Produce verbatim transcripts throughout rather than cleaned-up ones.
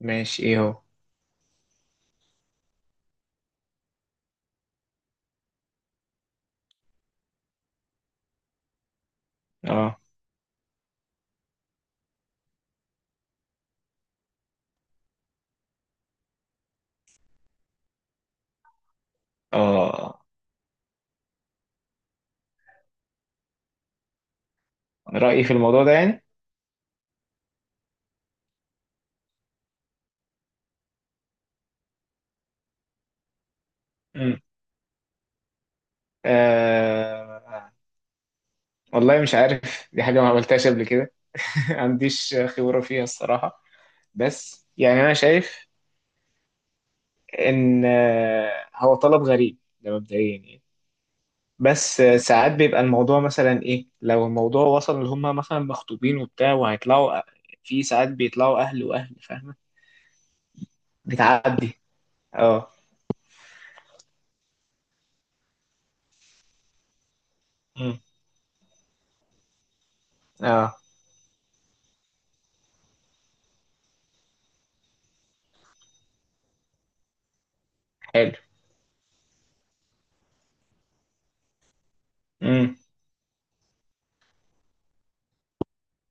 ماشي. ايه هو؟ اه اه رأيي في الموضوع ده يعني. مم. آه، والله مش عارف، دي حاجة ما عملتهاش قبل كده. ما عنديش خبرة فيها الصراحة. بس يعني أنا شايف إن آه، هو طلب غريب ده مبدئيا يعني. بس آه، ساعات بيبقى الموضوع مثلا إيه، لو الموضوع وصل إن هما مثلا مخطوبين وبتاع وهيطلعوا أ- في ساعات بيطلعوا أهل وأهل، فاهمة؟ بتعدي. اه. مم. اه. حلو. مم.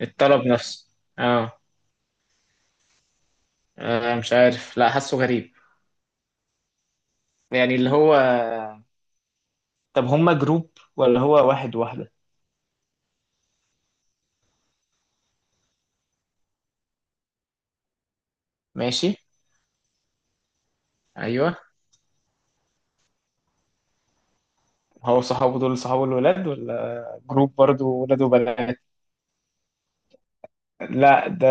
الطلب نفسه. اه. آه، مش عارف، لا، حاسه غريب. يعني اللي هو، طب هما جروب ولا هو واحد واحدة؟ ماشي. ايوه. هو صحابه دول صحابه الولاد ولا جروب برضو ولاد وبنات؟ لا، ده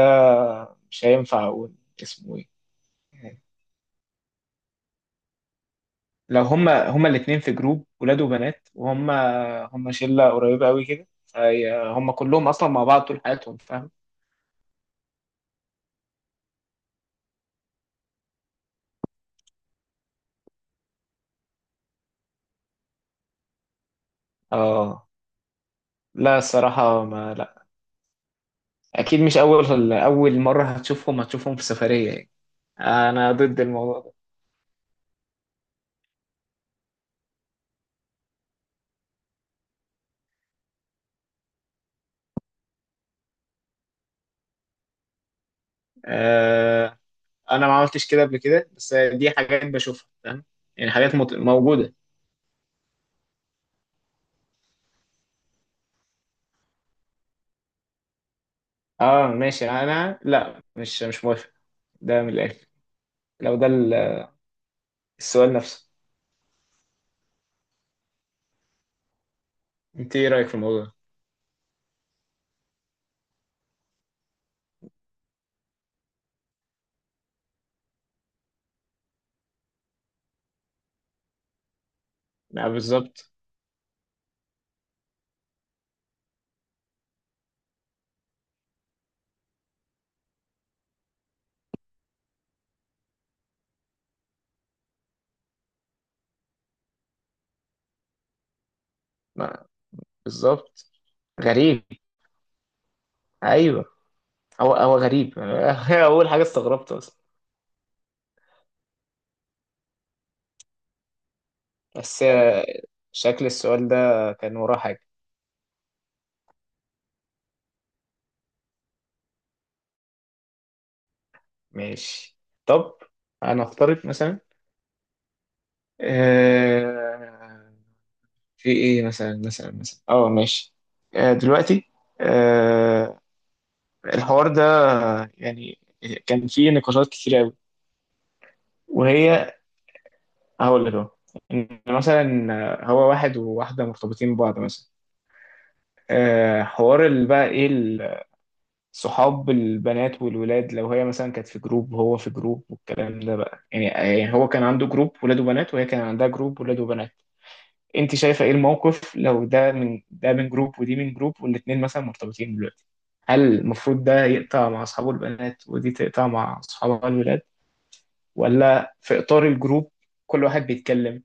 مش هينفع اقول اسمه ايه. لو هما هما الاتنين في جروب ولاد وبنات، وهما هما شلة قريبة قوي كده، فهي- هما كلهم اصلا مع بعض طول حياتهم، فاهم؟ اه. لا الصراحة ما لا، اكيد مش اول اول مره هتشوفهم هتشوفهم في سفريه يعني. انا ضد الموضوع ده. آه، انا ما عملتش كده قبل كده، بس دي حاجات بشوفها، فاهم؟ يعني حاجات مت- موجوده. اه ماشي، انا لا، مش مش موافق، ده من الاخر. لو ده ال- السؤال نفسه. انت ايه رايك في الموضوع ده؟ لا بالظبط. لا بالظبط، غريب. ايوه، هو هو غريب. اول حاجه استغربت اصلا، بس شكل السؤال ده كان وراه حاجه. ماشي. طب انا افترض مثلا، آه، في ايه مثلا مثلا مثلا، اه ماشي. آه دلوقتي، آه، الحوار ده يعني، كان فيه نقاشات كتير قوي، وهي، هقول لك اهو، إن مثلا هو واحد وواحده مرتبطين ببعض مثلا. آه، حوار اللي بقى ايه، صحاب البنات والولاد، لو هي مثلا كانت في جروب وهو في جروب، والكلام ده بقى، يعني يعني هو كان عنده جروب ولاد وبنات، وهي كان عندها جروب ولاد وبنات. انت شايفه ايه الموقف، لو ده من ده، من جروب ودي من جروب، والاتنين مثلا مرتبطين دلوقتي؟ هل المفروض ده يقطع مع اصحابه البنات ودي تقطع مع اصحابها الولاد، ولا في اطار الجروب كل واحد بيتكلم؟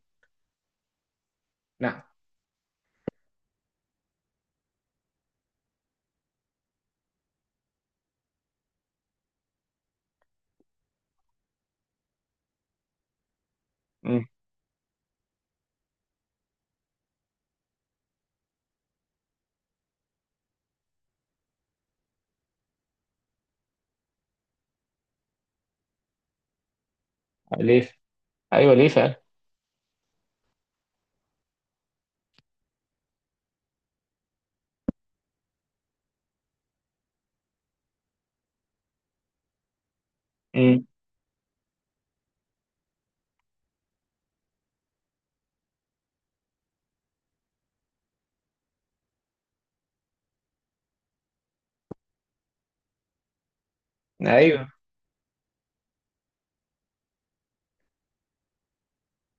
نعم. امم. ليه؟ ايوه ليه فعلا. امم. ايوه،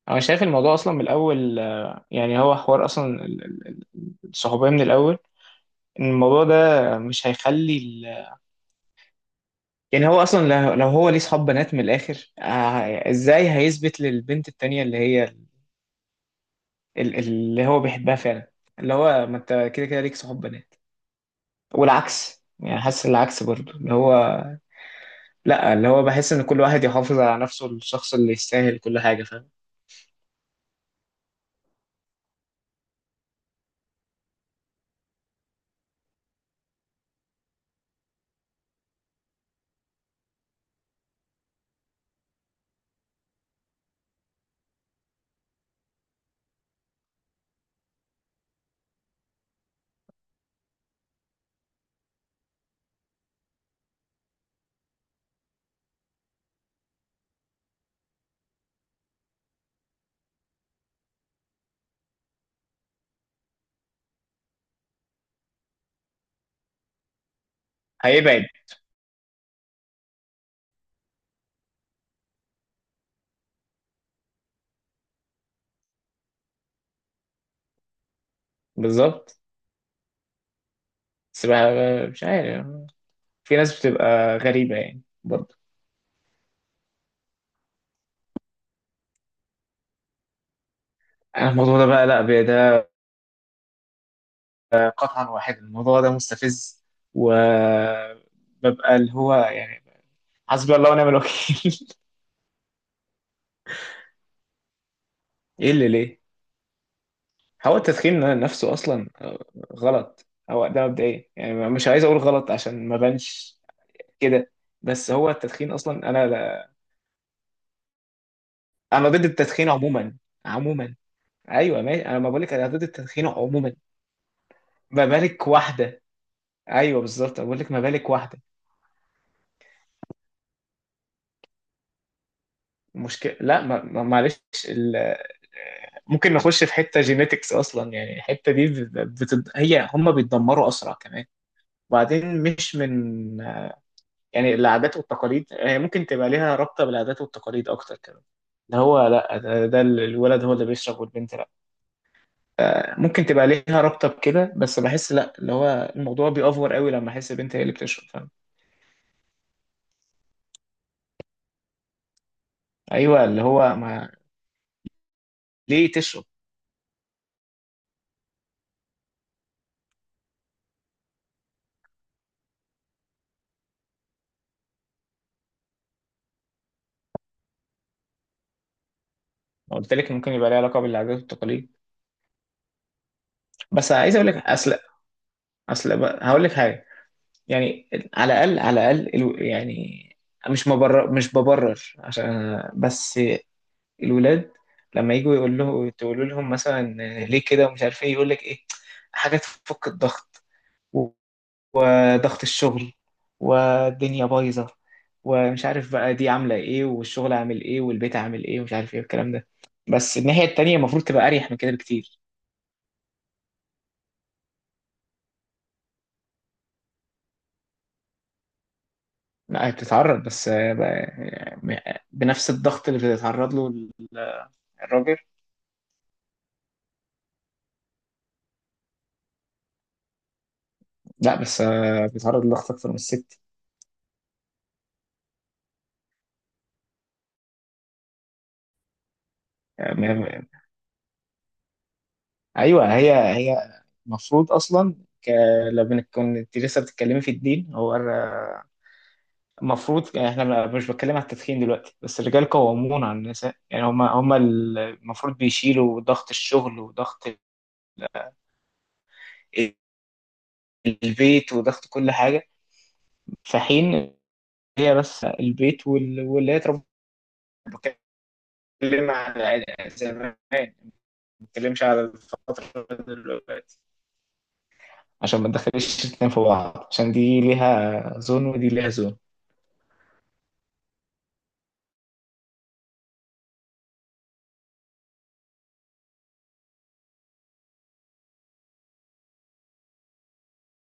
انا شايف الموضوع اصلا من الاول آه، يعني هو حوار اصلا ال- ال- ال- الصحوبيه من الاول، ان الموضوع ده مش هيخلي ال... يعني هو اصلا، لو لو هو ليه صحاب بنات، من الاخر آه، ازاي هيثبت للبنت التانية اللي هي ال- اللي هو بيحبها فعلا؟ اللي هو ما انت كده كده ليك صحاب بنات. والعكس يعني، حاسس العكس برضو اللي هو، لا، اللي هو بحس ان كل واحد يحافظ على نفسه، الشخص اللي يستاهل كل حاجة، فاهم؟ هيبعد بالظبط. بس بقى- مش عارف، في ناس بتبقى غريبة يعني برضو. أنا الموضوع ده بقى، لا بي- ده قطعا واحد، الموضوع ده مستفز، وببقى اللي هو يعني، حسبي الله ونعم الوكيل. ايه اللي ليه؟ هو التدخين نفسه اصلا آه، غلط هو ده مبدئيا يعني، مش عايز اقول غلط عشان ما بانش كده. بس هو التدخين اصلا، انا لا، انا ضد التدخين عموما. عموما، ايوه ماشي، انا ما بقولك انا ضد التدخين عموما، ما بالك واحده. ايوه بالظبط، بقول لك ما بالك واحده. مشكله لا، ما... ما... معلش، ال... ممكن نخش في حته جينيتكس اصلا، يعني الحته دي بت... بت- هي هم بيتدمروا اسرع كمان. وبعدين مش من، يعني العادات والتقاليد، هي ممكن تبقى ليها رابطة بالعادات والتقاليد أكتر كده. ده هو لأ، ده, ده الولد هو اللي بيشرب والبنت لأ. آه، ممكن تبقى ليها رابطة بكده، بس بحس لأ، اللي هو الموضوع بيأفور قوي لما أحس البنت هي اللي بتشرب، فاهم؟ أيوه اللي هو ما، ليه تشرب؟ ما قلت لك ممكن يبقى ليها علاقة بالعادات والتقاليد. بس عايز أقول لك أصل، أصل بقى- هقول لك حاجة. يعني على الأقل، على الأقل الو- يعني مش مبرر، مش ببرر عشان، بس الولاد لما يجوا، يقول له تقولوا لهم مثلا ليه كده ومش عارف ايه، يقول لك ايه، حاجات تفك الضغط، وضغط الشغل، والدنيا بايظه، ومش عارف بقى دي عامله ايه والشغل عامل ايه والبيت عامل ايه ومش عارف ايه الكلام ده. بس الناحيه التانيه المفروض تبقى اريح من كده بكتير. لا هي بتتعرض، بس آه، بقى- يعني بنفس الضغط اللي بيتعرض له الراجل. لا بس آه، بيتعرض لضغط اكتر من الست. يعني ايوه هي هي المفروض اصلا، ك... لو بنك- كنت لسه بتتكلمي في الدين، هو المفروض احنا ما- مش بتكلم على التدخين دلوقتي، بس الرجال قوامون على النساء، يعني هم هم المفروض بيشيلوا ضغط الشغل وضغط البيت وضغط كل حاجه. في حين هي بس البيت وال... واللي هي تربى. بتكلم على زمان، ما بتكلمش على الفتره دلوقتي، عشان ما تدخليش الاتنين في بعض، عشان دي ليها زون ودي ليها زون.